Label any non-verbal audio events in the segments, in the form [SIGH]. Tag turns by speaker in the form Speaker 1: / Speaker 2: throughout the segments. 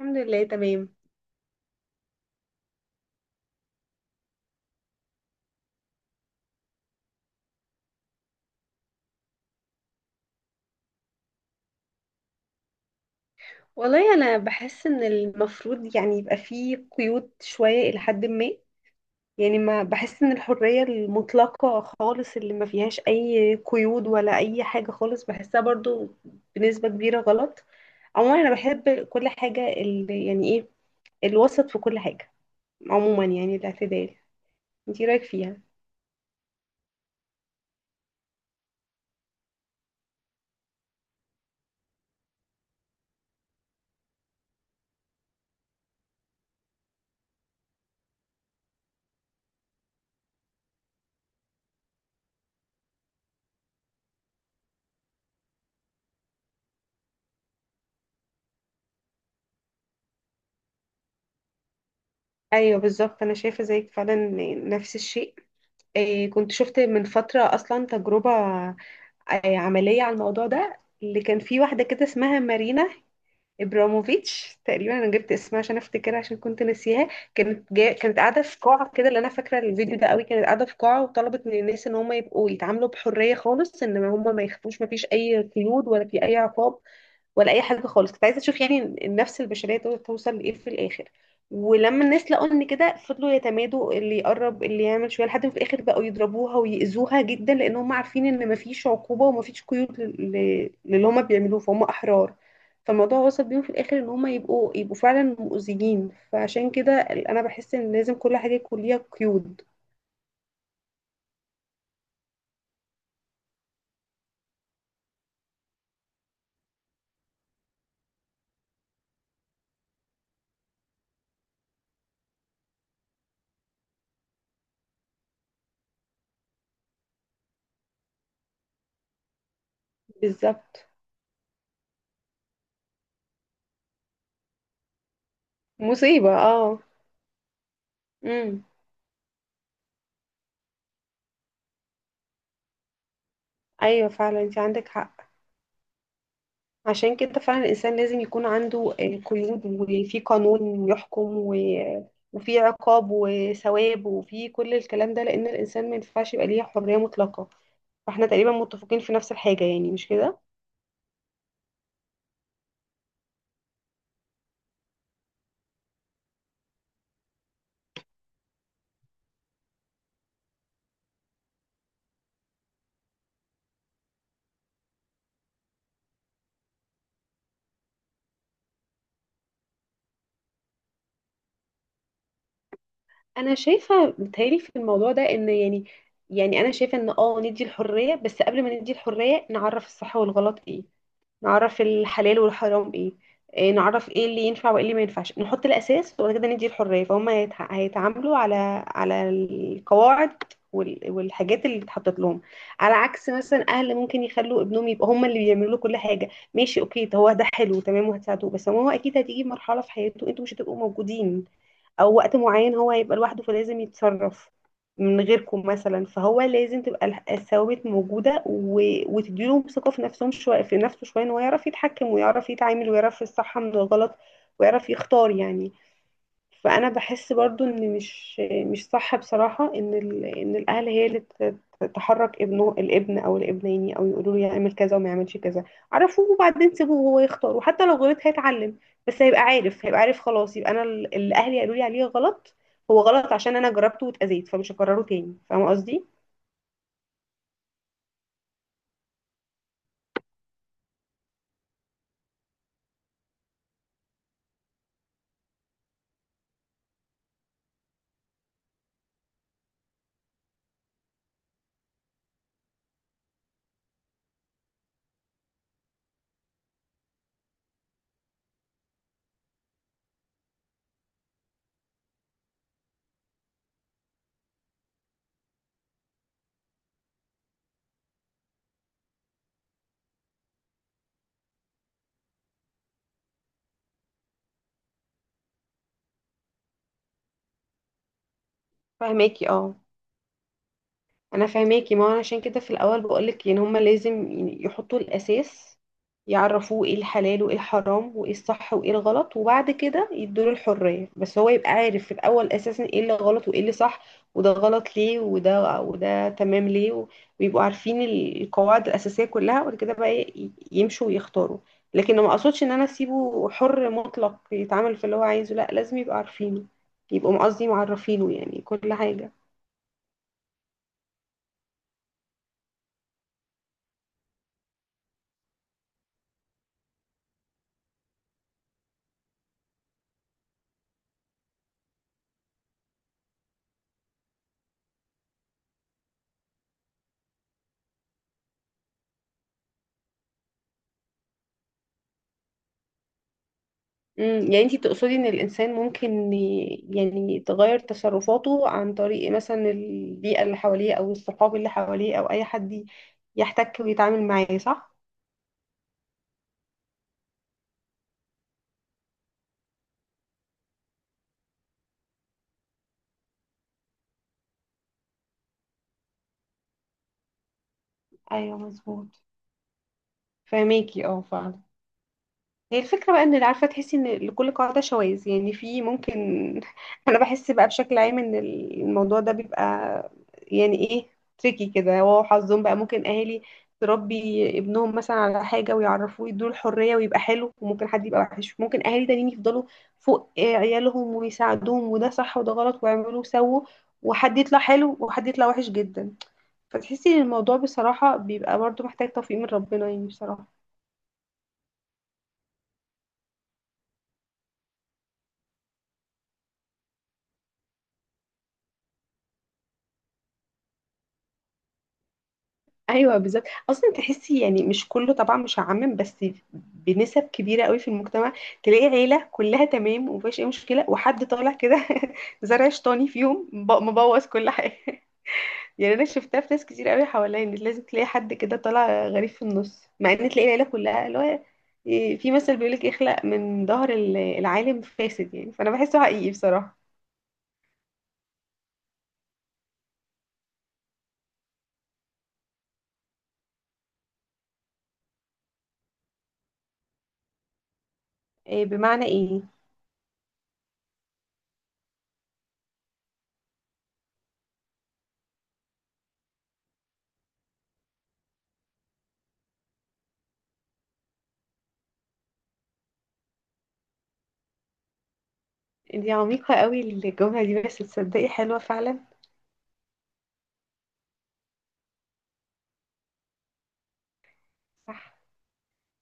Speaker 1: الحمد لله تمام. والله انا بحس ان المفروض يعني يبقى فيه قيود شوية الى حد ما. يعني ما بحس ان الحرية المطلقة خالص اللي ما فيهاش اي قيود ولا اي حاجة خالص بحسها برضو بنسبة كبيرة غلط. عموما انا بحب كل حاجة اللي يعني ايه، الوسط في كل حاجة. عموما يعني الاعتدال. انتي رايك فيها؟ ايوه بالظبط، انا شايفة زيك فعلا، نفس الشيء. إيه، كنت شفت من فترة اصلا تجربة عملية على الموضوع ده، اللي كان في واحدة كده اسمها مارينا ابراموفيتش تقريبا. انا جبت اسمها عشان افتكرها عشان كنت ناسيها. كانت قاعدة في قاعة كده، اللي انا فاكرة الفيديو ده قوي، كانت قاعدة في قاعة وطلبت من الناس ان هم يبقوا يتعاملوا بحرية خالص، ان هم ما يخافوش، ما فيش اي قيود ولا في اي عقاب ولا اي حاجه خالص. كنت عايزه اشوف يعني النفس البشريه دول توصل لايه في الاخر. ولما الناس لقوا ان كده فضلوا يتمادوا، اللي يقرب اللي يعمل شويه، لحد ما في الاخر بقوا يضربوها ويأذوها جدا لان هم عارفين ان مفيش عقوبه ومفيش قيود للي هم بيعملوه، فهم احرار. فالموضوع وصل بيهم في الاخر ان هم يبقوا فعلا مؤذيين. فعشان كده انا بحس ان لازم كل حاجه يكون ليها قيود. بالظبط، مصيبه اه. امم ايوه فعلا، انت عندك حق. عشان كده فعلا الإنسان لازم يكون عنده قيود، وفي قانون يحكم وفي عقاب وثواب وفي كل الكلام ده، لأن الإنسان ما ينفعش يبقى ليه حرية مطلقة. فاحنا تقريبا متفقين في نفس الحاجة، يعني مش كده؟ انا شايفه متهيألي في الموضوع ده ان يعني، انا شايفه ان اه ندي الحريه، بس قبل ما ندي الحريه نعرف الصح والغلط ايه، نعرف الحلال والحرام ايه، إيه نعرف ايه اللي ينفع وايه اللي ما ينفعش، نحط الاساس وبعد كده ندي الحريه. فهم هيتعاملوا على على القواعد والحاجات اللي اتحطت لهم. على عكس مثلا اهل ممكن يخلوا ابنهم، يبقى هم اللي بيعملوا له كل حاجه. ماشي اوكي، ده هو ده حلو تمام وهتساعدوه، بس هو اكيد هتيجي مرحله في حياته انتوا مش هتبقوا موجودين، او وقت معين هو هيبقى لوحده فلازم يتصرف من غيركم مثلا. فهو لازم تبقى الثوابت موجوده وتديله ثقه في نفسهم شويه، في نفسه شويه، ان هو يعرف يتحكم ويعرف يتعامل ويعرف الصح من الغلط ويعرف يختار يعني. فانا بحس برضو ان مش، مش صح بصراحه ان الاهل هي اللي تحرك ابنه، الابن او الابنين، او يقولوا له يعمل كذا وما يعملش كذا. عرفوه وبعدين سيبوه هو يختار، وحتى لو غلط هيتعلم، بس هيبقى عارف، هيبقى عارف خلاص، يبقى انا اللي اهلي قالوا لي عليه غلط هو غلط عشان انا جربته واتاذيت، فمش هكرره تاني. فاهمه قصدي؟ فهماكي اه، انا فاهماكي. ما هو أنا عشان كده في الاول بقولك ان هما لازم يعني يحطوا الاساس، يعرفوه ايه الحلال وايه الحرام وايه الصح وايه الغلط، وبعد كده يدوله الحرية، بس هو يبقى عارف في الاول اساسا ايه اللي غلط وايه اللي صح، وده غلط ليه وده تمام ليه ويبقوا عارفين القواعد الاساسية كلها، وبعد كده بقى يمشوا ويختاروا. لكن ما اقصدش ان انا اسيبه حر مطلق يتعامل في اللي هو عايزه، لا، لازم يبقى عارفينه، يبقوا قصدي معرفينه يعني كل حاجة. امم، يعني انتي تقصدي ان الانسان ممكن يعني تغير تصرفاته عن طريق مثلا البيئة اللي حواليه او الصحاب اللي حواليه او اي حد يحتك ويتعامل معاه، صح؟ ايوه مظبوط، فهميكي اه فعلا. هي الفكرة بقى ان اللي عارفة، تحسي ان لكل قاعدة شواذ يعني، في ممكن [LAUGHS] انا بحس بقى بشكل عام ان الموضوع ده بيبقى يعني ايه، تريكي كده، هو حظهم بقى. ممكن اهالي تربي ابنهم مثلا على حاجة ويعرفوه يدوله الحرية ويبقى حلو، وممكن حد يبقى وحش. ممكن اهالي تانيين يفضلوا فوق عيالهم ويساعدوهم وده صح وده غلط ويعملوا وسووا، وحد يطلع حلو وحد يطلع وحش جدا. فتحسي ان الموضوع بصراحة بيبقى برضو محتاج توفيق من ربنا يعني بصراحة. ايوه بالظبط، اصلا تحسي يعني مش كله طبعا، مش هعمم، بس بنسب كبيره قوي في المجتمع تلاقي عيله كلها تمام ومفيش اي مشكله، وحد طالع كده [LAUGHS] زرع شيطاني فيهم مبوظ كل حاجه [LAUGHS] يعني انا شفتها في ناس كتير قوي حواليا، ان لازم تلاقي حد كده طالع غريب في النص مع ان تلاقي العيله كلها اللي هو، إيه، في مثل بيقولك اخلق من ظهر العالم فاسد يعني، فانا بحسه حقيقي بصراحه. إيه، بمعنى ايه؟ دي عميقه قوي الجمله دي، بس تصدقي حلوه فعلا. صح.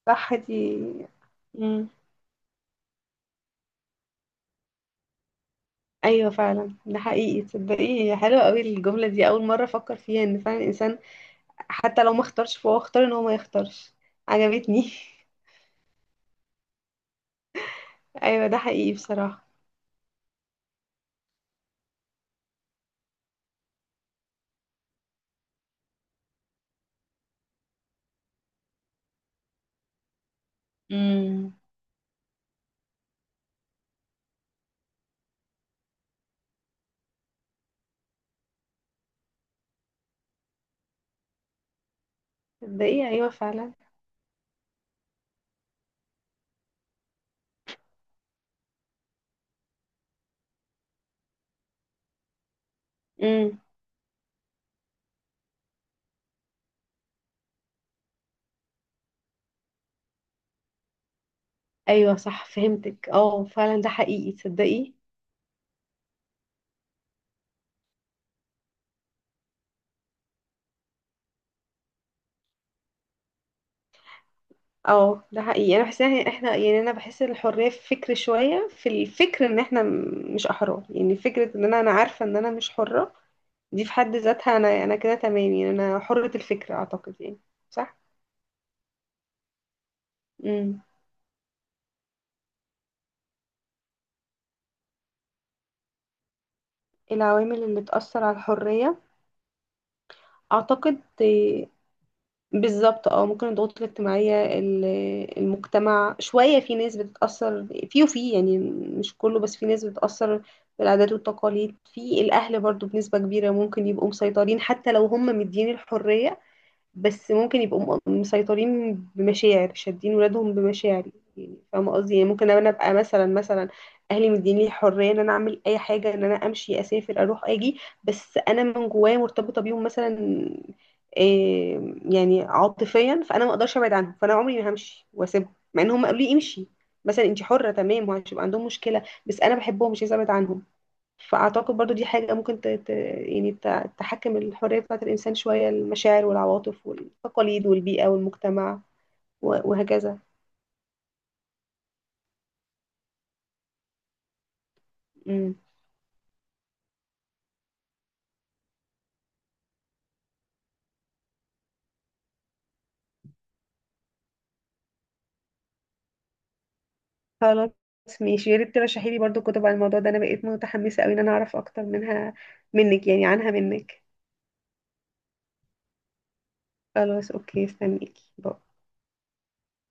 Speaker 1: صح دي. مم. ايوه فعلا ده حقيقي، تصدقي حلوه قوي الجمله دي. اول مره افكر فيها ان فعلا الانسان حتى لو ما اختارش فهو اختار ان هو ما يختارش. عجبتني [LAUGHS] ايوه ده حقيقي بصراحه. امم تصدقي ايوه فعلا. امم ايوه صح، فهمتك اه فعلا ده حقيقي تصدقي. اه ده حقيقي، انا بحس ان احنا يعني، انا بحس الحريه في الفكر شويه، في الفكر ان احنا مش احرار يعني، فكره ان انا، انا عارفه ان انا مش حره دي في حد ذاتها، انا انا كده تمام يعني انا حرة الفكر اعتقد يعني. صح. امم، العوامل اللي تأثر على الحرية، اعتقد بالظبط اه، ممكن الضغوط الاجتماعية المجتمع شوية، في ناس بتتأثر، في وفي يعني مش كله بس في ناس بتتأثر، بالعادات والتقاليد، في الأهل برضو بنسبة كبيرة ممكن يبقوا مسيطرين حتى لو هم مدين الحرية، بس ممكن يبقوا مسيطرين بمشاعر، شادين ولادهم بمشاعر يعني، فاهمة قصدي؟ يعني ممكن انا ابقى مثلا، اهلي مديني الحرية ان انا اعمل اي حاجة، ان انا امشي اسافر اروح اجي، بس انا من جوايا مرتبطة بيهم مثلا، إيه، يعني عاطفيا، فانا ما اقدرش ابعد عنهم، فانا عمري ما همشي واسيبهم مع ان هم قالوا لي امشي مثلا انت حرة تمام، وهتبقى عندهم مشكلة بس انا بحبهم مش عايزة ابعد عنهم. فأعتقد برضو دي حاجة ممكن يعني تحكم الحرية بتاعة الإنسان شوية، المشاعر والعواطف والتقاليد والبيئة والمجتمع وهكذا. امم، خلاص ماشي، يا ريت ترشحي لي برضو كتب عن الموضوع ده، أنا بقيت متحمسة أوي إن أنا أعرف أكتر منها، منك يعني، عنها منك. خلاص أوكي، استنيكي، باي.